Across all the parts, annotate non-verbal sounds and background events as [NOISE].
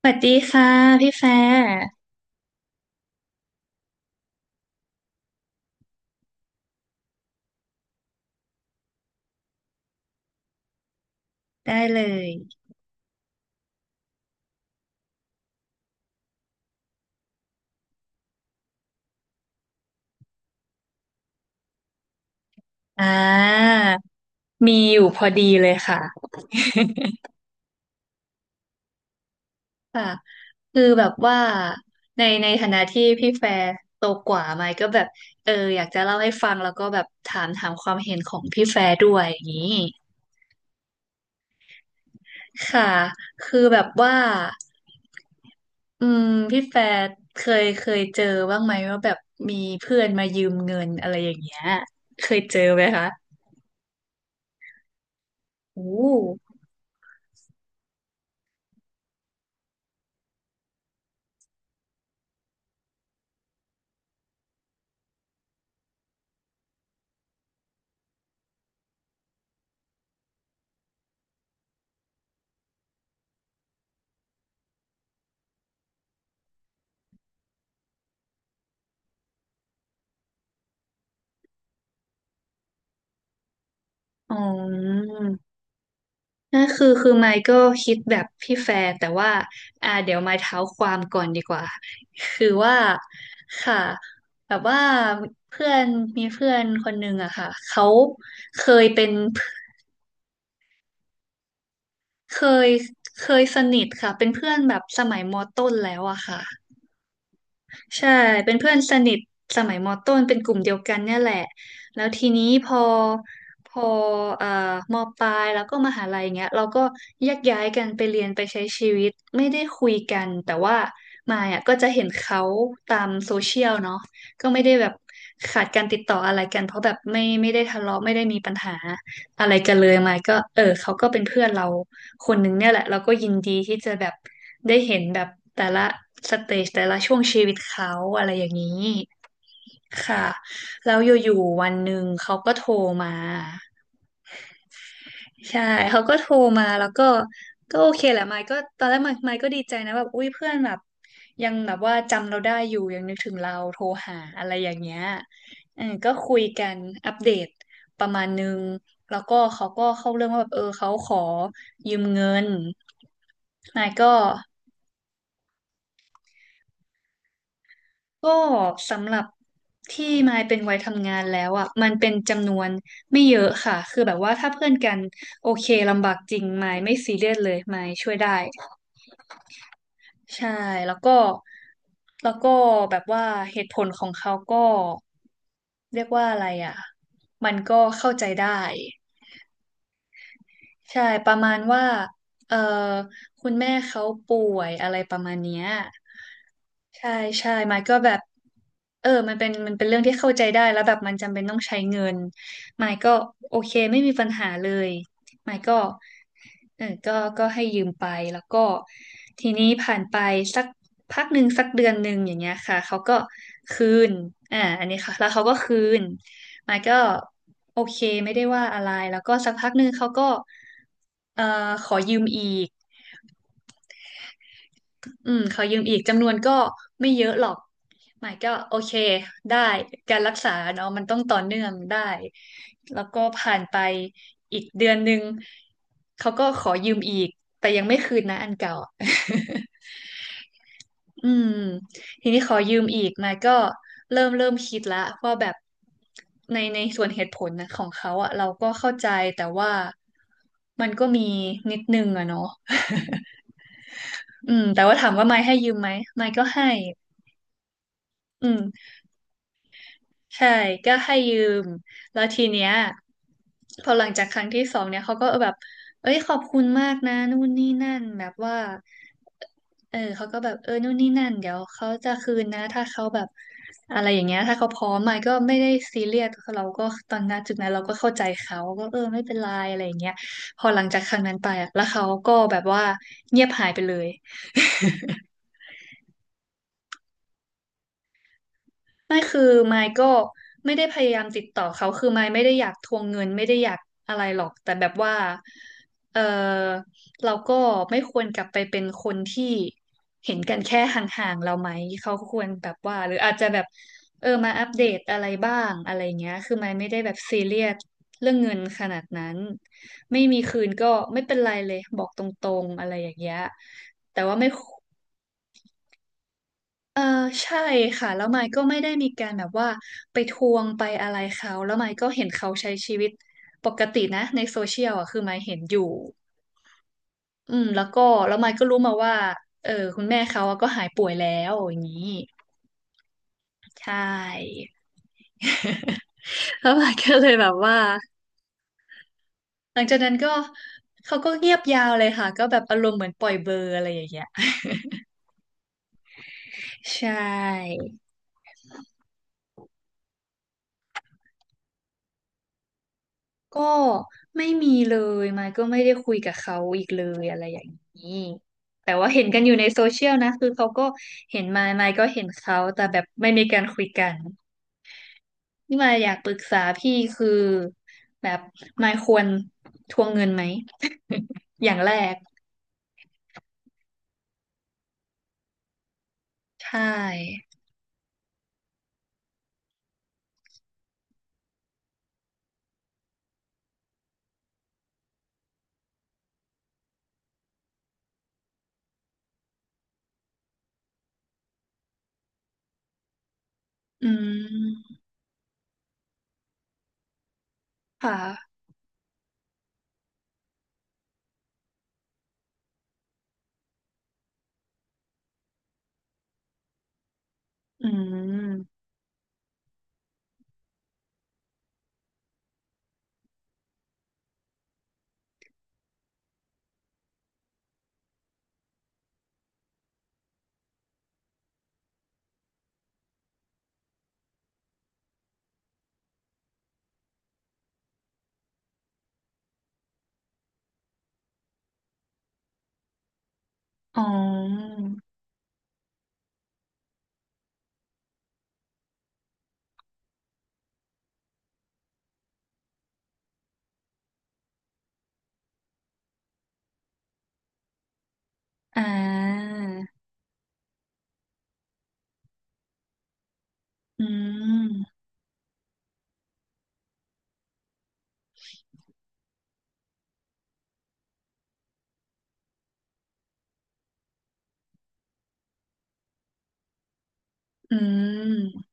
สวัสดีค่ะพี่แฟร์ได้เลยอ่ามีอยู่พอดีเลยค่ะค่ะคือแบบว่าในฐานะที่พี่แฟร์โตกว่าไหมก็แบบเอออยากจะเล่าให้ฟังแล้วก็แบบถามความเห็นของพี่แฟร์ด้วยอย่างนี้ค่ะคือแบบว่าอืมพี่แฟร์เคยเจอบ้างไหมว่าแบบมีเพื่อนมายืมเงินอะไรอย่างเงี้ยเคยเจอไหมคะโอ้อ๋อ นั่นคือไมค์ก็คิดแบบพี่แฟร์แต่ว่าเดี๋ยวไมค์เท้าความก่อนดีกว่าคือว่าค่ะแบบว่าเพื่อนมีเพื่อนคนหนึ่งอะค่ะเขาเคยเป็นเคยสนิทค่ะเป็นเพื่อนแบบสมัยมต้นแล้วอะค่ะ ใช่เป็นเพื่อนสนิทสมัยมต้นเป็นกลุ่มเดียวกันเนี่ยแหละแล้วทีนี้พอพอเอ่อมปลายแล้วก็มหาลัยเงี้ยเราก็แยกย้ายกันไปเรียนไปใช้ชีวิตไม่ได้คุยกันแต่ว่ามายอ่ะก็จะเห็นเขาตามโซเชียลเนาะก็ไม่ได้แบบขาดการติดต่ออะไรกันเพราะแบบไม่ได้ทะเลาะไม่ได้มีปัญหาอะไรกันเลยมายก็เออเขาก็เป็นเพื่อนเรา คนหนึ่งเนี่ยแหละเราก็ยินดีที่จะแบบได้เห็นแบบแต่ละสเตจแต่ละช่วงชีวิตเขาอะไรอย่างนี้ค่ะแล้วอยู่ๆวันหนึ่งเขาก็โทรมา ใช่เขาก็โทรมาแล้วก็ก็โอเคแหละไมค์ก็ตอนแรกไมค์ก็ดีใจนะแบบอุ้ยเพื่อนแบบยังแบบว่าจำเราได้อยู่ยังนึกถึงเราโทรหาอะไรอย่างเงี้ยเออก็คุยกันอัปเดตประมาณนึงแล้วก็เขาก็เข้าเรื่องว่าแบบเออเขาขอยืมเงินไมค์ก็ก็สำหรับที่ไมค์เป็นวัยทำงานแล้วอ่ะมันเป็นจำนวนไม่เยอะค่ะคือแบบว่าถ้าเพื่อนกันโอเคลำบากจริงไมค์ไม่ซีเรียสเลยไมค์ช่วยได้ ใช่แล้วก็แล้วก็แบบว่าเหตุผลของเขาก็เรียกว่าอะไรอ่ะมันก็เข้าใจได้ใช่ประมาณว่าเออคุณแม่เขาป่วยอะไรประมาณเนี้ย ใช่ใช่ไมค์ก็แบบเออมันเป็นเรื่องที่เข้าใจได้แล้วแบบมันจำเป็นต้องใช้เงินไมค์ก็โอเคไม่มีปัญหาเลยไมค์ก็เออก็ให้ยืมไปแล้วก็ทีนี้ผ่านไปสักพักหนึ่งสักเดือนหนึ่งอย่างเงี้ยค่ะเขาก็คืนอันนี้ค่ะแล้วเขาก็คืนไมค์ก็โอเคไม่ได้ว่าอะไรแล้วก็สักพักหนึ่งเขาก็เอ่อขอยืมอีก อืมขอยืมอีกจำนวนก็ไม่เยอะหรอกหมายก็โอเคได้การรักษาเนาะมันต้องต่อเนื่องได้แล้วก็ผ่านไปอีกเดือนหนึ่งเขาก็ขอยืมอีกแต่ยังไม่คืนนะอันเก่าอืม [LAUGHS] ทีนี้ขอยืมอีกมาก็เริ่มคิดละว่าแบบในส่วนเหตุผลนะของเขาอะเราก็เข้าใจแต่ว่ามันก็มีนิดนึงอะเนาะ [LAUGHS] อืมแต่ว่าถามว่าไมาให้ยืมไหมไมก็ให้อืม ใช่ก็ให้ยืมแล้วทีเนี้ยพอหลังจากครั้งที่สองเนี่ยเขาก็แบบเอ้ยขอบคุณมากนะนู่นนี่นั่นแบบว่าเออเขาก็แบบเออนู่นนี่นั่นเดี๋ยวเขาจะคืนนะถ้าเขาแบบอะไรอย่างเงี้ยถ้าเขาพร้อมมาก็ไม่ได้ซีเรียสเราก็ตอนนั้นจุดนั้นเราก็เข้าใจเขาก็เออไม่เป็นไรอะไรอย่างเงี้ยพอหลังจากครั้งนั้นไปอะแล้วเขาก็แบบว่าเงียบหายไปเลย ไม่คือไมค์ก็ไม่ได้พยายามติดต่อเขาคือไมค์ไม่ได้อยากทวงเงินไม่ได้อยากอะไรหรอกแต่แบบว่าเออเราก็ไม่ควรกลับไปเป็นคนที่เห็นกันแค่ห่างๆเราไหมเขาควรแบบว่าหรืออาจจะแบบเออมาอัปเดตอะไรบ้างอะไรเงี้ยคือไมค์ไม่ได้แบบซีเรียสเรื่องเงินขนาดนั้นไม่มีคืนก็ไม่เป็นไรเลยบอกตรงๆอะไรอย่างเงี้ยแต่ว่าไม่ เออใช่ค่ะแล้วไมค์ก็ไม่ได้มีการแบบว่าไปทวงไปอะไรเขาแล้วไมค์ก็เห็นเขาใช้ชีวิตปกตินะในโซเชียลอ่ะคือไมค์เห็นอยู่อืมแล้วก็แล้วไมค์ก็รู้มาว่าเออคุณแม่เขาอะก็หายป่วยแล้วอย่างนี้ใช่ [LAUGHS] แล้วไมค์ก็เลยแบบว่าหลังจากนั้นก็เขาก็เงียบยาวเลยค่ะก็แบบอารมณ์เหมือนปล่อยเบอร์อะไรอย่างเงี้ย [LAUGHS] ใช่ ก็ไม่มีเลยมายก็ไม่ได้คุยกับเขาอีกเลยอะไรอย่างนี้แต่ว่าเห็นกันอยู่ในโซเชียลนะคือเขาก็เห็นมายก็เห็นเขาแต่แบบไม่มีการคุยกันนี่มายอยากปรึกษาพี่คือแบบมายควรทวงเงินไหม [LAUGHS] อย่างแรกใช่อืมค่ะอืมอ๋ออ่าอืมอืม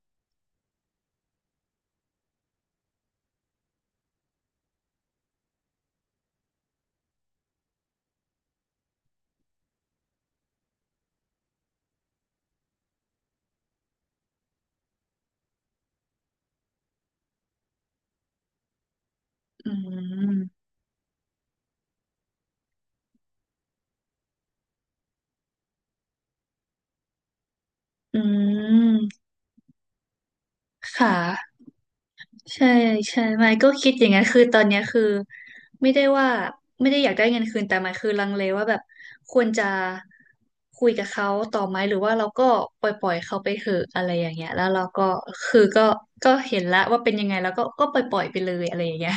อืมอืมค่ะ ใช่ใช่ไม่ก็คิดอย่างนั้นคือตอนเนี้ยคือไม่ได้ว่าไม่ได้อยากได้เงินคืนแต่หมายคือลังเลว่าแบบควรจะคุยกับเขาต่อไหมหรือว่าเราก็ปล่อยเขาไปเถอะอะไรอย่างเงี้ยแล้วเราก็คือก็เห็นแล้วว่าเป็นยังไงแล้วก็ปล่อยไปเลยอะไรอย่างเงี้ย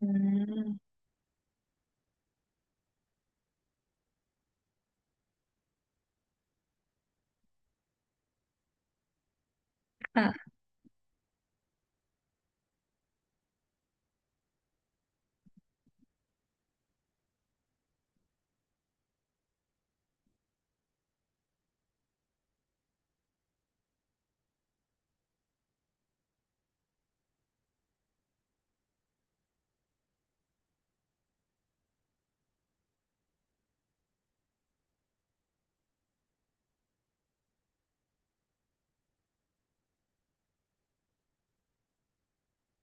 อืมค่ะ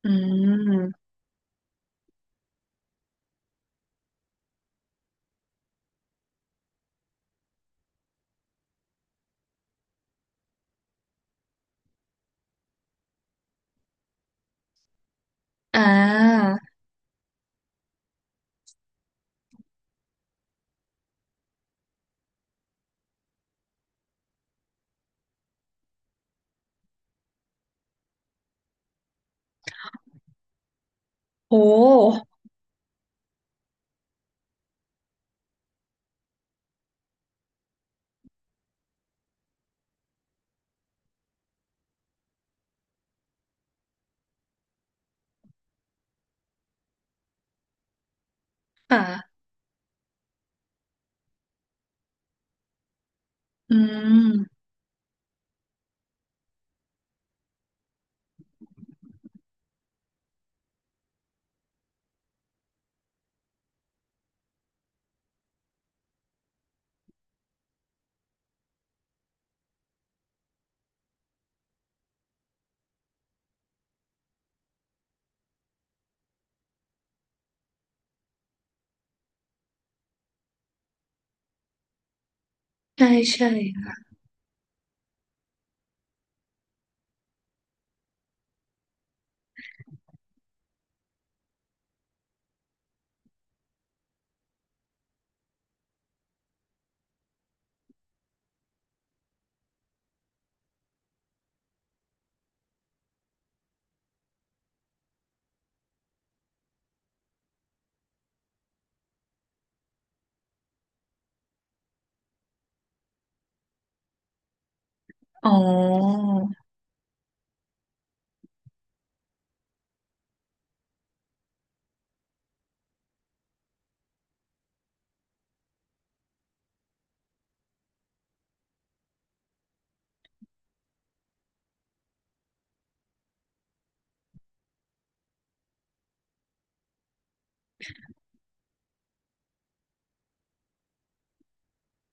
อืมอ่าโหค่ะอืมใช่ใช่อ๋อ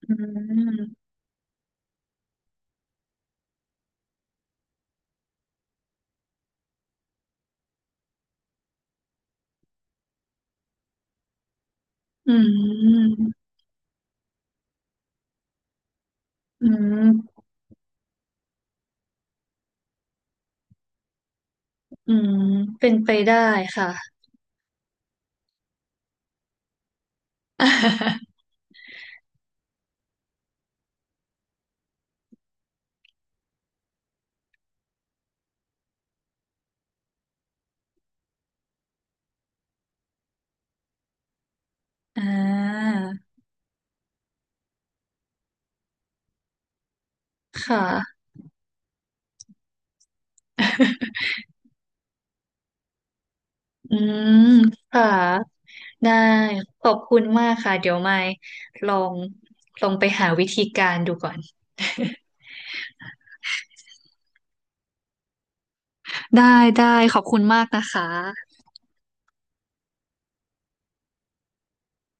อืมอืมอืม อืมเป็นไปได้ค่ะ [LAUGHS] อ่าค่ะ [LAUGHS] อืมค่ะได้ขอบคุณมากค่ะเดี๋ยวไม่ลองไปหาวิธีการดูก่อนได้ได้ขอบคุณมากนะคะ